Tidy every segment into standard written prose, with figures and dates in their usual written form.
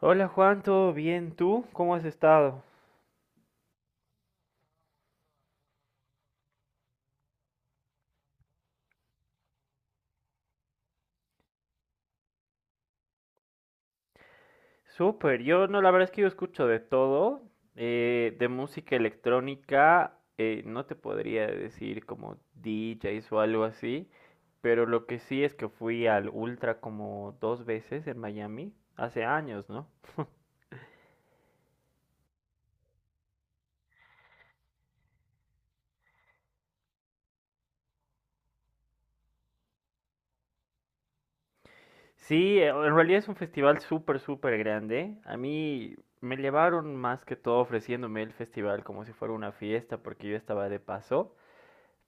Hola Juan, ¿todo bien? ¿Tú? ¿Cómo has estado? Súper, yo no, la verdad es que yo escucho de todo, de música electrónica, no te podría decir como DJs o algo así, pero lo que sí es que fui al Ultra como dos veces en Miami, hace años, ¿no? Sí, en realidad es un festival súper, súper grande. A mí me llevaron más que todo ofreciéndome el festival como si fuera una fiesta porque yo estaba de paso.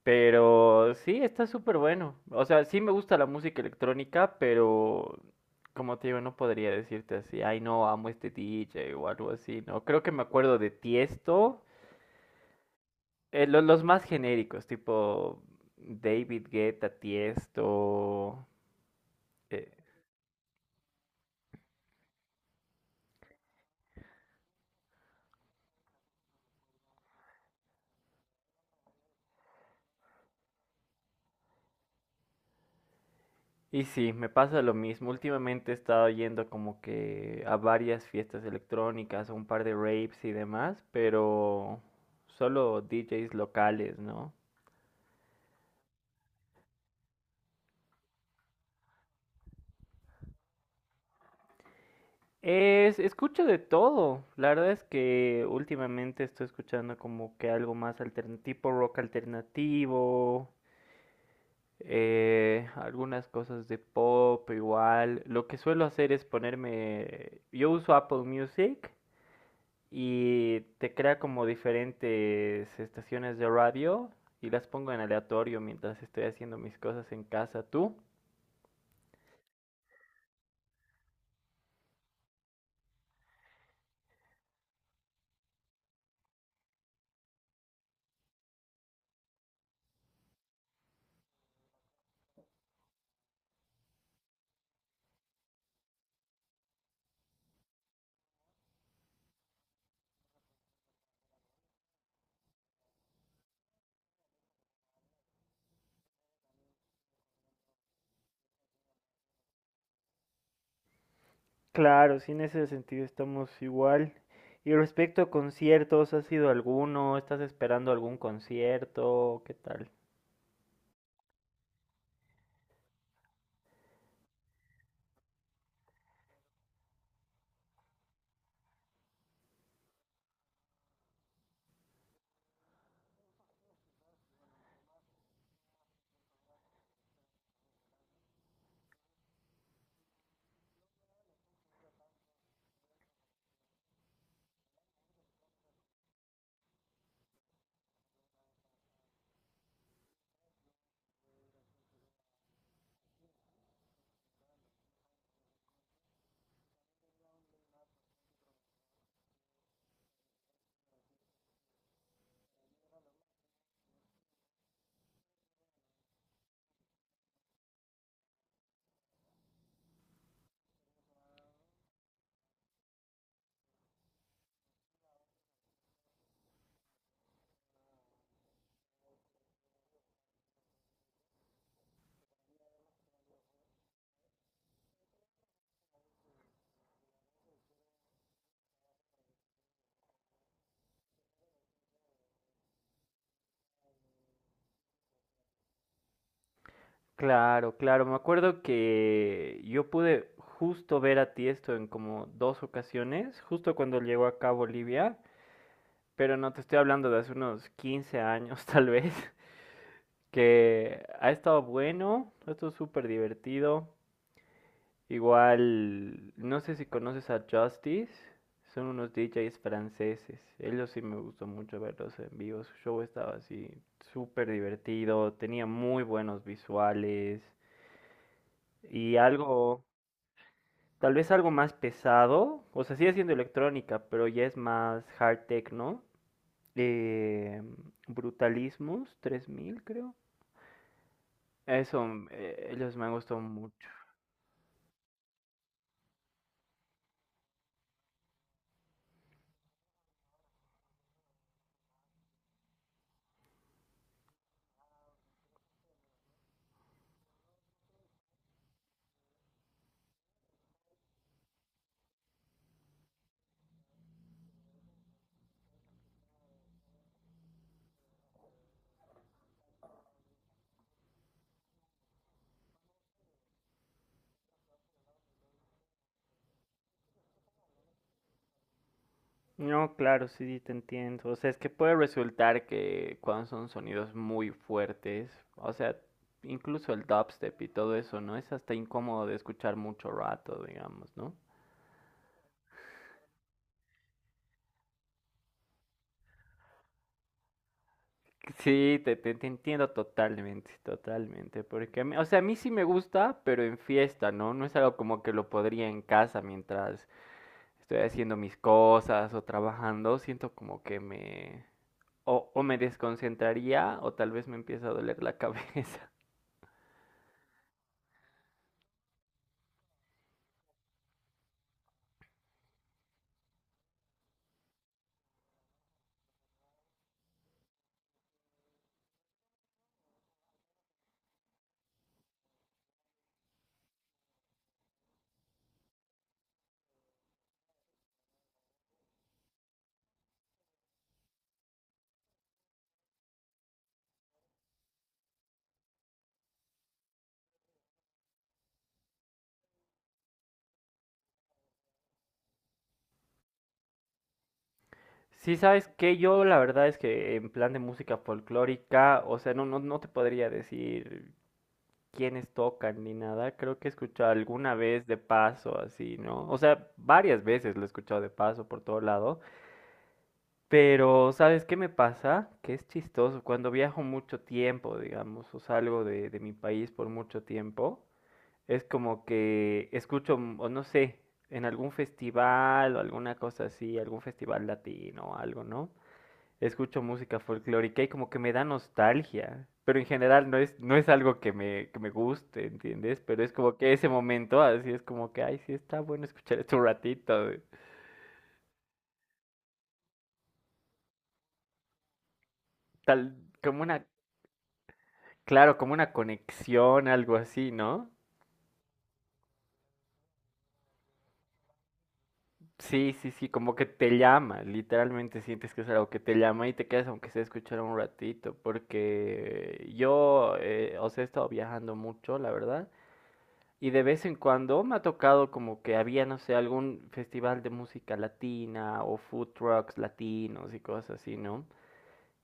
Pero sí, está súper bueno. O sea, sí me gusta la música electrónica, pero como te digo, no podría decirte así, ay no, amo este DJ o algo así, ¿no? Creo que me acuerdo de Tiesto, los más genéricos, tipo David Guetta, Tiesto. Eh, y sí, me pasa lo mismo. Últimamente he estado yendo como que a varias fiestas electrónicas, a un par de raves y demás, pero solo DJs locales, ¿no? Escucho de todo. La verdad es que últimamente estoy escuchando como que algo más tipo rock alternativo, algunas cosas de pop igual. Lo que suelo hacer es ponerme, yo uso Apple Music y te crea como diferentes estaciones de radio y las pongo en aleatorio mientras estoy haciendo mis cosas en casa. ¿Tú? Claro, sí, en ese sentido estamos igual. Y respecto a conciertos, ¿has ido a alguno? ¿Estás esperando algún concierto? ¿Qué tal? Claro, claro. Me acuerdo que yo pude justo ver a Tiesto en como dos ocasiones, justo cuando llegó acá a Bolivia, pero no te estoy hablando de hace unos 15 años tal vez, que ha estado bueno, ha estado súper divertido. Igual, no sé si conoces a Justice, son unos DJs franceses. Ellos sí me gustó mucho verlos en vivo. Su show estaba así súper divertido, tenía muy buenos visuales y algo, tal vez algo más pesado. O sea, sigue siendo electrónica, pero ya es más hard techno. Eh, Brutalismus 3000 creo. Eso, ellos me han gustado mucho. No, claro, sí, sí, te entiendo. O sea, es que puede resultar que cuando son sonidos muy fuertes, o sea, incluso el dubstep y todo eso, ¿no? Es hasta incómodo de escuchar mucho rato, digamos, ¿no? Sí, te entiendo totalmente, totalmente. Porque, o sea, a mí sí me gusta, pero en fiesta, ¿no? No es algo como que lo podría en casa mientras estoy haciendo mis cosas o trabajando. Siento como que me... O, o me desconcentraría o tal vez me empieza a doler la cabeza. Sí, sabes que yo la verdad es que en plan de música folclórica, o sea, no te podría decir quiénes tocan ni nada. Creo que he escuchado alguna vez de paso, así, ¿no? O sea, varias veces lo he escuchado de paso por todo lado. Pero, ¿sabes qué me pasa? Que es chistoso. Cuando viajo mucho tiempo, digamos, o salgo de mi país por mucho tiempo, es como que escucho, o no sé, en algún festival o alguna cosa así, algún festival latino o algo, ¿no? Escucho música folclórica y como que me da nostalgia. Pero en general no es, no es algo que me guste, ¿entiendes? Pero es como que ese momento, así es como que, ay, sí, está bueno escuchar esto un ratito. Tal, como una, claro, como una conexión, algo así, ¿no? Sí, sí, sí, como que te llama, literalmente sientes que es algo que te llama y te quedas aunque sea escuchar un ratito, porque yo, o sea, he estado viajando mucho, la verdad. Y de vez en cuando me ha tocado como que había, no sé, algún festival de música latina o food trucks latinos y cosas así, ¿no?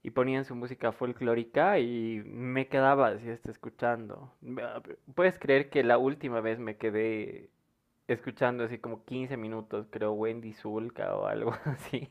Y ponían su música folclórica y me quedaba así hasta escuchando. Puedes creer que la última vez me quedé escuchando así como 15 minutos, creo, Wendy Zulka o algo así.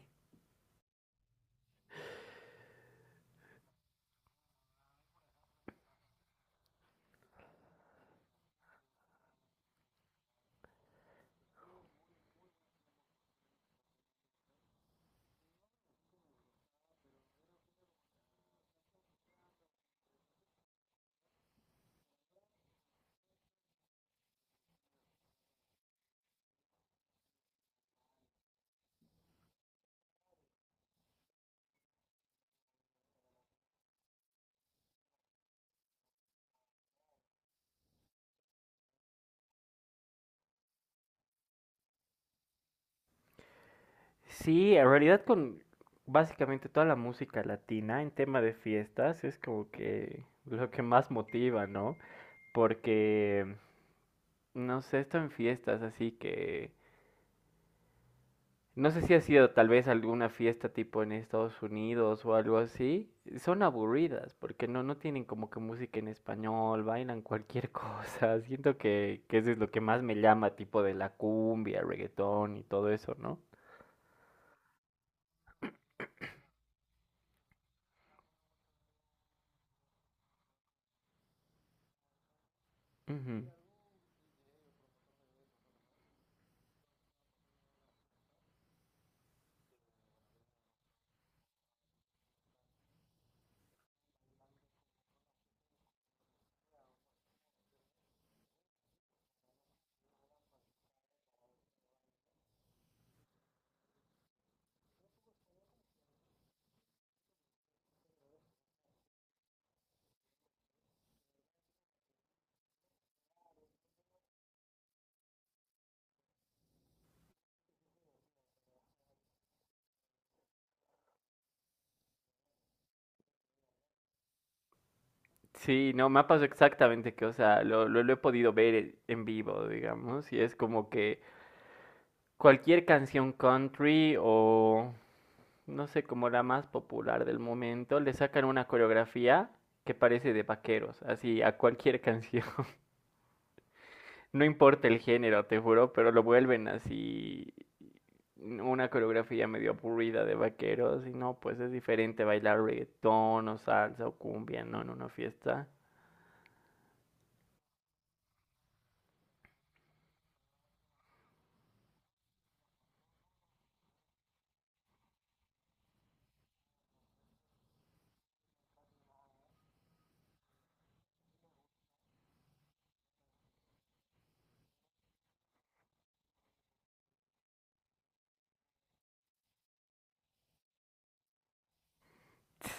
Sí, en realidad con básicamente toda la música latina en tema de fiestas es como que lo que más motiva, ¿no? Porque no sé, esto en fiestas, así que... No sé si ha sido tal vez alguna fiesta tipo en Estados Unidos o algo así. Son aburridas porque no tienen como que música en español, bailan cualquier cosa. Siento que eso es lo que más me llama, tipo de la cumbia, reggaetón y todo eso, ¿no? Ujú. Sí, no, me ha pasado exactamente que, o sea, lo he podido ver en vivo, digamos, y es como que cualquier canción country o no sé, como la más popular del momento, le sacan una coreografía que parece de vaqueros, así a cualquier canción. No importa el género, te juro, pero lo vuelven así una coreografía medio aburrida de vaqueros y no, pues es diferente bailar reggaetón o salsa o cumbia, no en una fiesta.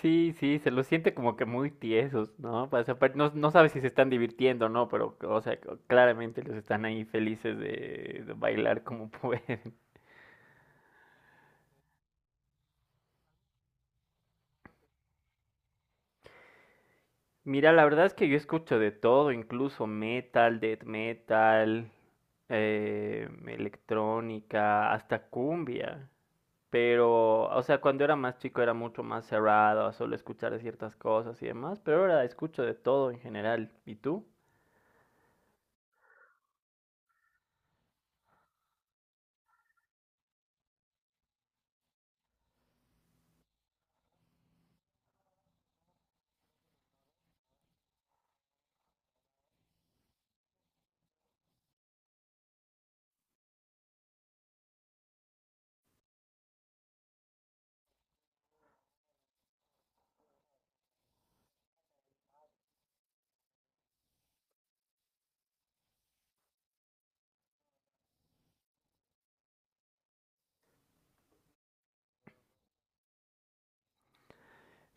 Sí, sí, se los siente como que muy tiesos, ¿no? Pues, aparte, no sabes si se están divirtiendo o no, pero, o sea, claramente los están ahí felices de bailar como pueden. Mira, la verdad es que yo escucho de todo, incluso metal, death metal, electrónica, hasta cumbia. Pero, o sea, cuando era más chico era mucho más cerrado a solo escuchar ciertas cosas y demás, pero ahora escucho de todo en general. ¿Y tú?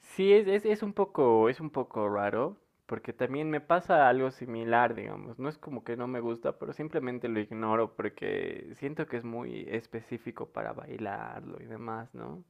Sí, es un poco, es un poco raro, porque también me pasa algo similar, digamos. No es como que no me gusta, pero simplemente lo ignoro porque siento que es muy específico para bailarlo y demás, ¿no?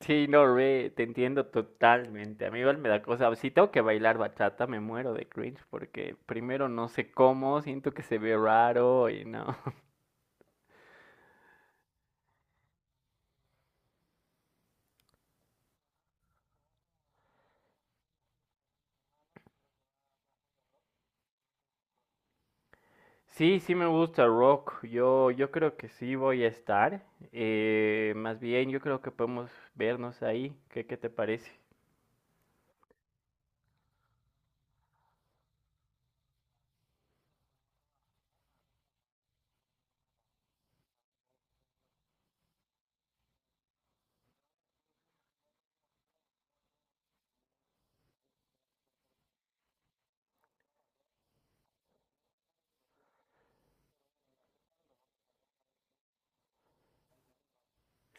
Sí, no, re, te entiendo totalmente. A mí igual me da cosa. Si tengo que bailar bachata, me muero de cringe porque primero no sé cómo, siento que se ve raro y no. Sí, sí me gusta rock. Yo creo que sí voy a estar. Más bien, yo creo que podemos vernos ahí. Qué te parece?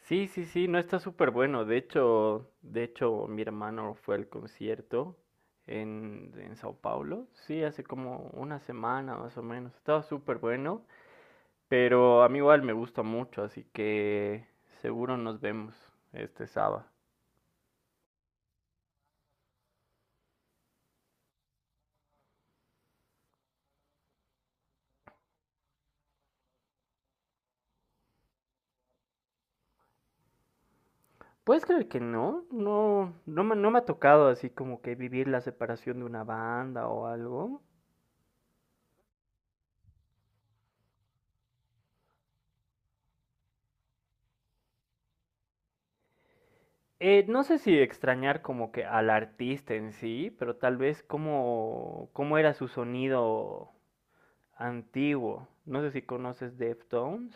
Sí, sí, sí, no está súper bueno. De hecho, mi hermano fue al concierto en Sao Paulo. Sí, hace como una semana más o menos. Estaba súper bueno. Pero a mí igual me gusta mucho, así que seguro nos vemos este sábado. ¿Puedes creer que no? No, no me ha tocado así como que vivir la separación de una banda o algo. No sé si extrañar como que al artista en sí, pero tal vez cómo, cómo era su sonido antiguo. No sé si conoces Deftones.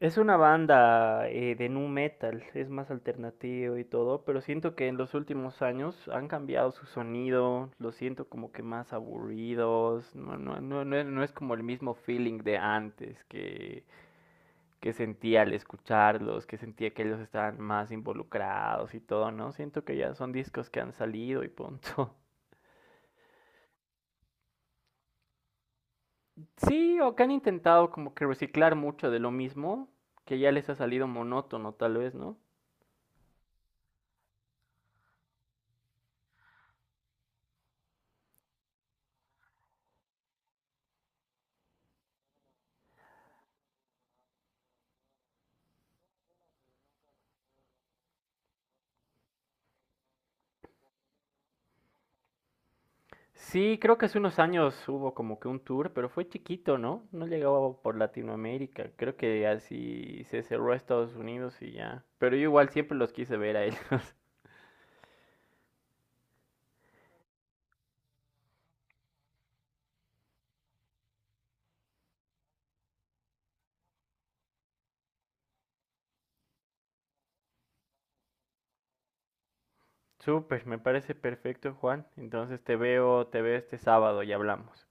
Es una banda de nu metal, es más alternativo y todo, pero siento que en los últimos años han cambiado su sonido, lo siento como que más aburridos, no es como el mismo feeling de antes que sentía al escucharlos, que sentía que ellos estaban más involucrados y todo, ¿no? Siento que ya son discos que han salido y punto. Sí, o que han intentado como que reciclar mucho de lo mismo, que ya les ha salido monótono tal vez, ¿no? Sí, creo que hace unos años hubo como que un tour, pero fue chiquito, ¿no? No llegaba por Latinoamérica. Creo que así se cerró a Estados Unidos y ya. Pero yo igual siempre los quise ver a ellos. Súper, me parece perfecto, Juan. Entonces te veo este sábado y hablamos.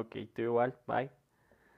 Ok, tú igual, bye.